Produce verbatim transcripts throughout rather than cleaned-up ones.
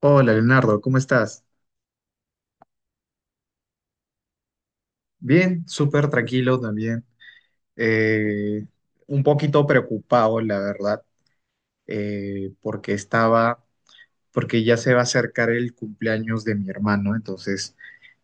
Hola Leonardo, ¿cómo estás? Bien, súper tranquilo también. Eh, un poquito preocupado, la verdad, eh, porque estaba, porque ya se va a acercar el cumpleaños de mi hermano, entonces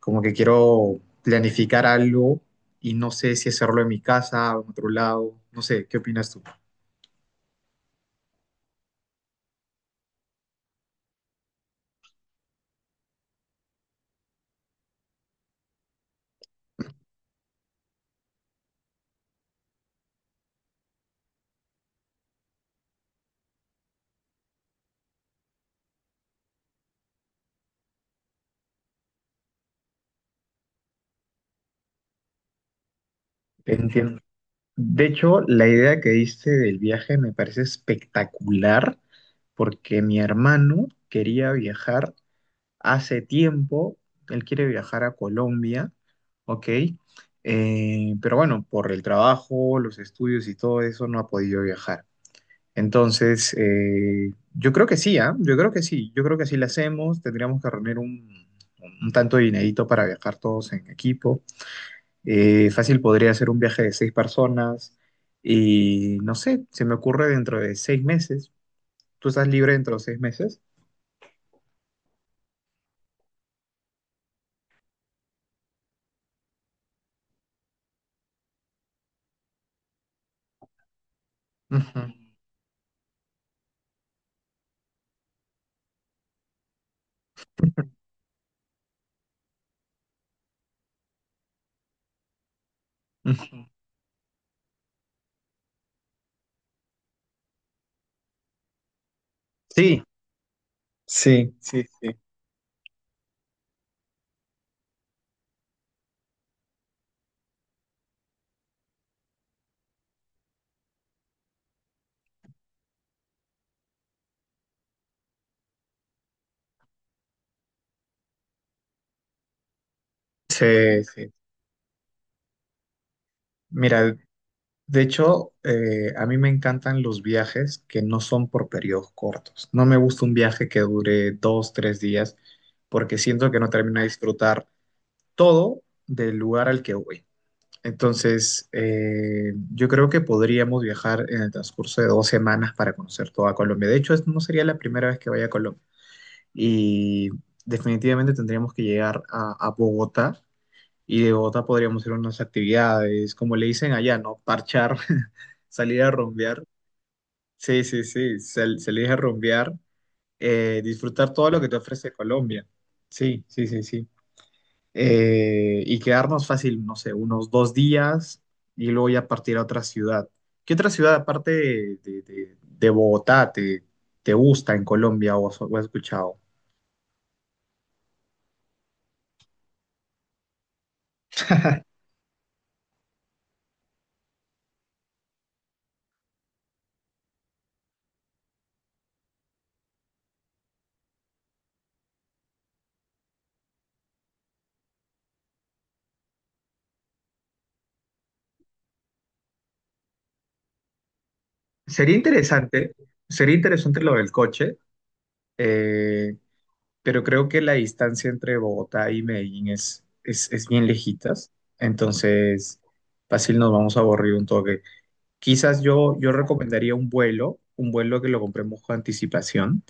como que quiero planificar algo y no sé si hacerlo en mi casa o en otro lado, no sé, ¿qué opinas tú? Entiendo. De hecho, la idea que diste del viaje me parece espectacular porque mi hermano quería viajar hace tiempo, él quiere viajar a Colombia, ¿ok? Eh, pero bueno, por el trabajo, los estudios y todo eso no ha podido viajar. Entonces, eh, yo creo que sí, ¿ah? Yo creo que sí, yo creo que sí lo hacemos, tendríamos que reunir un, un tanto de dinerito para viajar todos en equipo. Eh, fácil podría ser un viaje de seis personas y no sé, se me ocurre dentro de seis meses. ¿Tú estás libre dentro de seis meses? Ujú, ujú. Sí, sí, sí, sí. Sí, sí. Mira, de hecho, eh, a mí me encantan los viajes que no son por periodos cortos. No me gusta un viaje que dure dos, tres días, porque siento que no termino de disfrutar todo del lugar al que voy. Entonces, eh, yo creo que podríamos viajar en el transcurso de dos semanas para conocer toda Colombia. De hecho, es- no sería la primera vez que vaya a Colombia. Y definitivamente tendríamos que llegar a a Bogotá. Y de Bogotá podríamos ir a unas actividades, como le dicen allá, ¿no? Parchar, salir a rumbear. Sí, sí, sí, sal- salir a rumbear, eh, disfrutar todo lo que te ofrece Colombia. Sí, sí, sí, sí. Eh, y quedarnos fácil, no sé, unos dos días y luego ya partir a otra ciudad. ¿Qué otra ciudad aparte de, de- de- de Bogotá te, te gusta en Colombia o has o has escuchado? Sería interesante, sería interesante lo del coche. Eh, pero creo que la distancia entre Bogotá y Medellín es, es, es bien lejitas, entonces fácil nos vamos a aburrir un toque. Quizás yo, yo recomendaría un vuelo, un vuelo que lo compremos con anticipación,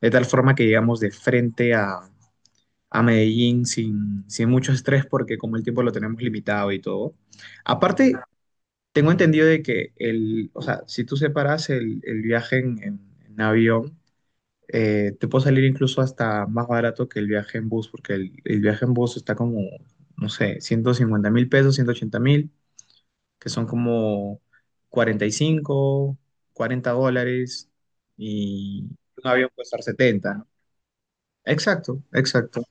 de tal forma que llegamos de frente a, a Medellín sin, sin mucho estrés, porque como el tiempo lo tenemos limitado y todo. Aparte, tengo entendido de que el, o sea, si tú separas el, el viaje en, en en avión, eh, te puede salir incluso hasta más barato que el viaje en bus, porque el, el viaje en bus está como, no sé, ciento cincuenta mil pesos, ciento ochenta mil, que son como cuarenta y cinco cuarenta dólares, y un avión puede estar setenta, ¿no? Exacto, exacto.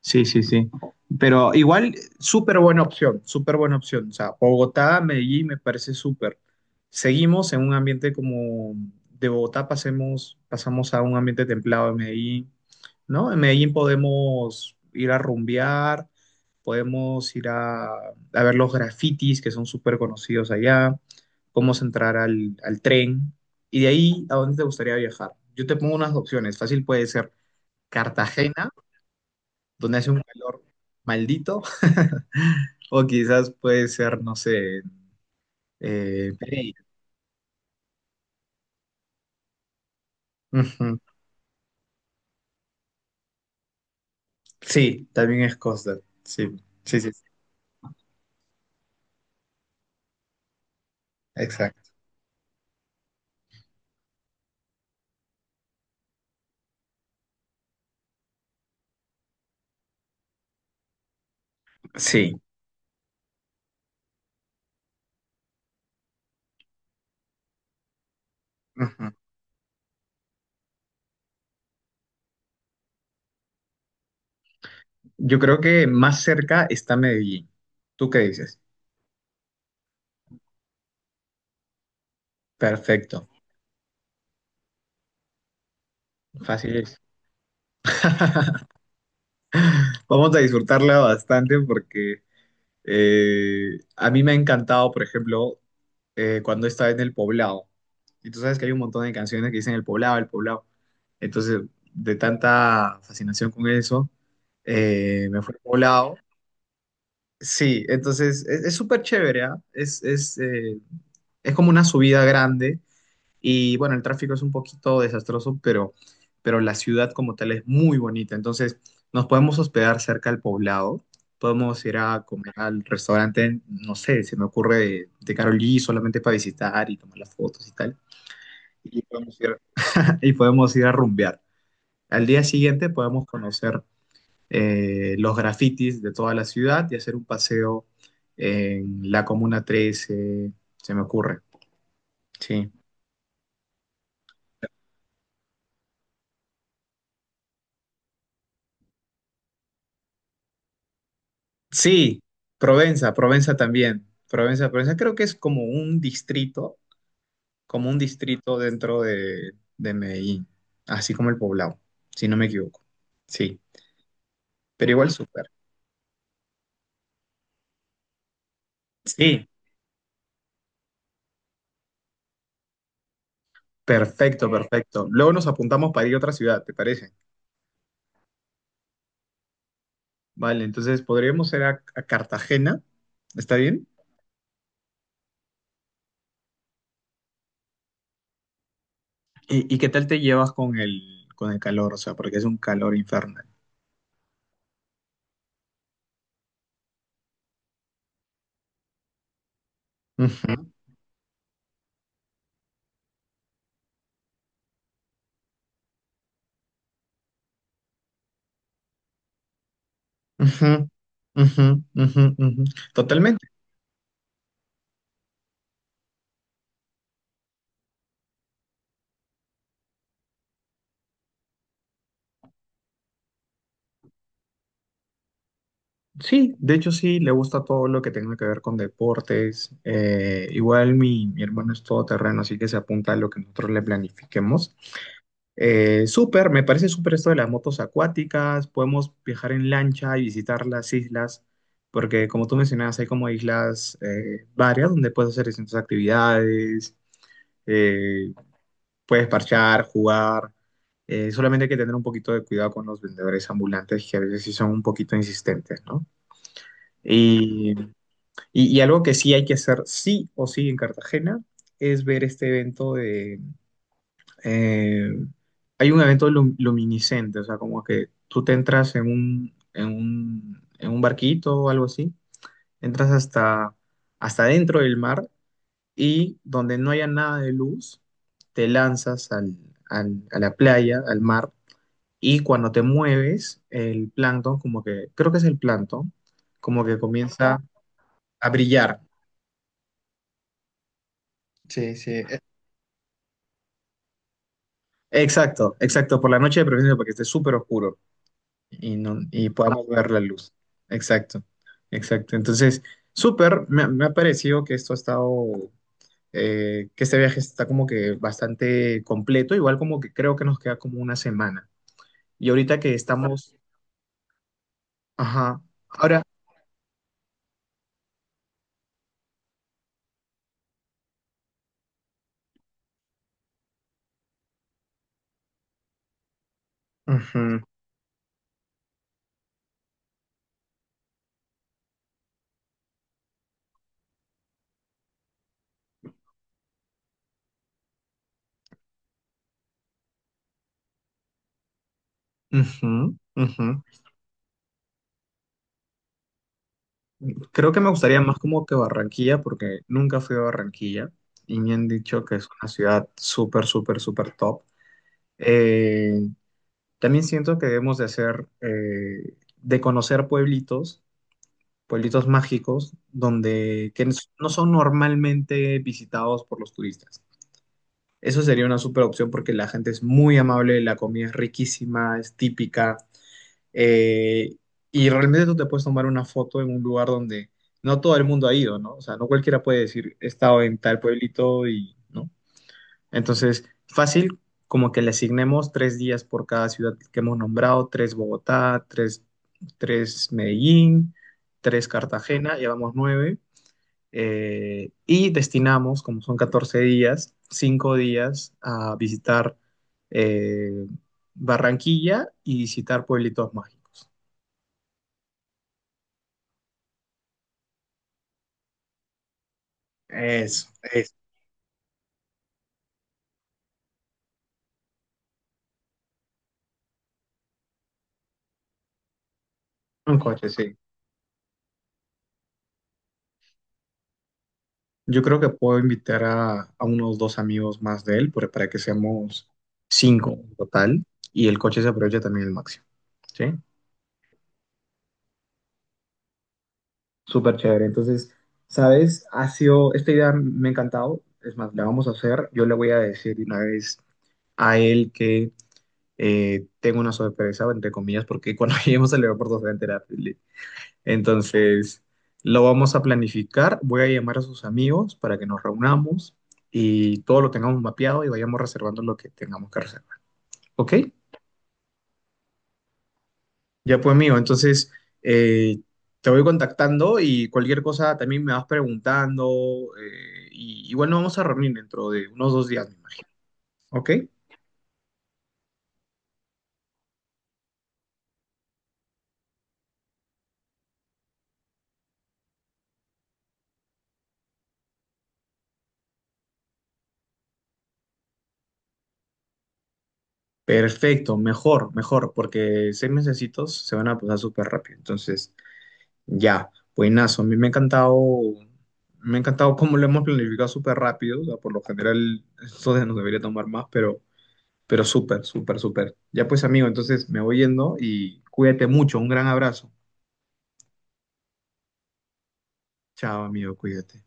Sí, sí, sí. Pero igual, súper buena opción, súper buena opción. O sea, Bogotá, Medellín me parece súper. Seguimos en un ambiente como de Bogotá, pasemos, pasamos a un ambiente templado de Medellín, ¿no? En Medellín podemos ir a rumbear, podemos ir a, a ver los grafitis que son súper conocidos allá, podemos entrar al, al tren. Y de ahí, ¿a dónde te gustaría viajar? Yo te pongo unas opciones. Fácil puede ser Cartagena donde hace un calor maldito, o quizás puede ser, no sé, eh, Pereira. Ujú. Sí, también es Costa. Sí, sí, sí, sí, exacto. Sí. Ujú. Yo creo que más cerca está Medellín. ¿Tú qué dices? Perfecto, fácil es. Vamos a disfrutarla bastante porque Eh, a mí me ha encantado, por ejemplo, eh, cuando estaba en El Poblado. Y tú sabes que hay un montón de canciones que dicen El Poblado, El Poblado. Entonces, de tanta fascinación con eso, eh, me fui al Poblado. Sí, entonces es es súper chévere, ¿ah? Es, es, eh, es como una subida grande y bueno, el tráfico es un poquito desastroso, pero, pero la ciudad como tal es muy bonita. Entonces, nos podemos hospedar cerca al poblado. Podemos ir a comer al restaurante, no sé, se me ocurre de, de Carolí solamente para visitar y tomar las fotos y tal. Y podemos ir, y podemos ir a rumbear. Al día siguiente podemos conocer eh, los grafitis de toda la ciudad y hacer un paseo en la Comuna Trece, se me ocurre. Sí. Sí, Provenza, Provenza también. Provenza, Provenza creo que es como un distrito, como un distrito dentro de, de Medellín, así como el Poblado, si no me equivoco. Sí, pero igual súper. Sí, perfecto, perfecto. Luego nos apuntamos para ir a otra ciudad, ¿te parece? Vale, entonces podríamos ir a, a Cartagena, ¿está bien? ¿Y, y qué tal te llevas con el, con el calor? O sea, porque es un calor infernal. Ujú, ujú, ujú, ujú, ujú. Totalmente. Sí, de hecho sí, le gusta todo lo que tenga que ver con deportes. Eh, igual mi, mi hermano es todoterreno, así que se apunta a lo que nosotros le planifiquemos. Eh, súper, me parece súper esto de las motos acuáticas. Podemos viajar en lancha y visitar las islas, porque como tú mencionabas, hay como islas eh, varias donde puedes hacer distintas actividades, eh, puedes parchar, jugar. Eh, solamente hay que tener un poquito de cuidado con los vendedores ambulantes que a veces sí son un poquito insistentes, ¿no? Y y, y algo que sí hay que hacer sí o sí en Cartagena es ver este evento de, eh, hay un evento lum- luminiscente, o sea, como que tú te entras en un, en un, en un barquito o algo así, entras hasta, hasta dentro del mar y donde no haya nada de luz, te lanzas al, al- a la playa, al mar, y cuando te mueves, el plancton, como que, creo que es el plancton, como que comienza a brillar. Sí, sí. Exacto, exacto, por la noche de preferencia para que esté súper oscuro y, no, y podamos ver la luz. Exacto, exacto. Entonces, súper, me, me ha parecido que esto ha estado, eh, que este viaje está como que bastante completo, igual como que creo que nos queda como una semana. Y ahorita que estamos, ajá, ahora, ujú, ujú, ujú. Creo que me gustaría más como que Barranquilla, porque nunca fui a Barranquilla y me han dicho que es una ciudad súper, súper, súper top. Eh, También siento que debemos de hacer, eh, de conocer pueblitos, pueblitos mágicos, donde que no son normalmente visitados por los turistas. Eso sería una super opción porque la gente es muy amable, la comida es riquísima, es típica, eh, y realmente tú te puedes tomar una foto en un lugar donde no todo el mundo ha ido, ¿no? O sea, no cualquiera puede decir, he estado en tal pueblito y, ¿no? Entonces, fácil, como que le asignemos tres días por cada ciudad que hemos nombrado, tres Bogotá, tres, tres Medellín, tres Cartagena, llevamos nueve, eh, y destinamos, como son catorce días, cinco días a visitar eh, Barranquilla y visitar pueblitos mágicos. Eso, eso. Un coche, sí. Yo creo que puedo invitar a, a unos dos amigos más de él por- para que seamos cinco en total y el coche se aproveche también el máximo. ¿Sí? Súper chévere. Entonces, ¿sabes? Ha sido, esta idea me ha encantado. Es más, la vamos a hacer. Yo le voy a decir de una vez a él que eh, tengo una sorpresa, entre comillas, porque cuando lleguemos al aeropuerto se va a enterar. Entonces, lo vamos a planificar. Voy a llamar a sus amigos para que nos reunamos y todo lo tengamos mapeado y vayamos reservando lo que tengamos que reservar. ¿Ok? Ya pues, amigo. Entonces, eh, te voy contactando y cualquier cosa también me vas preguntando. eh, y igual nos vamos a reunir dentro de unos dos días, me imagino. ¿Ok? Perfecto, mejor, mejor, porque seis mesecitos se van a pasar súper rápido. Entonces, ya, buenazo. A mí me ha encantado, me ha encantado cómo lo hemos planificado súper rápido. O sea, por lo general, esto de- nos debería tomar más, pero, pero súper, súper, súper. Ya pues, amigo, entonces me voy yendo y cuídate mucho. Un gran abrazo. Chao, amigo, cuídate.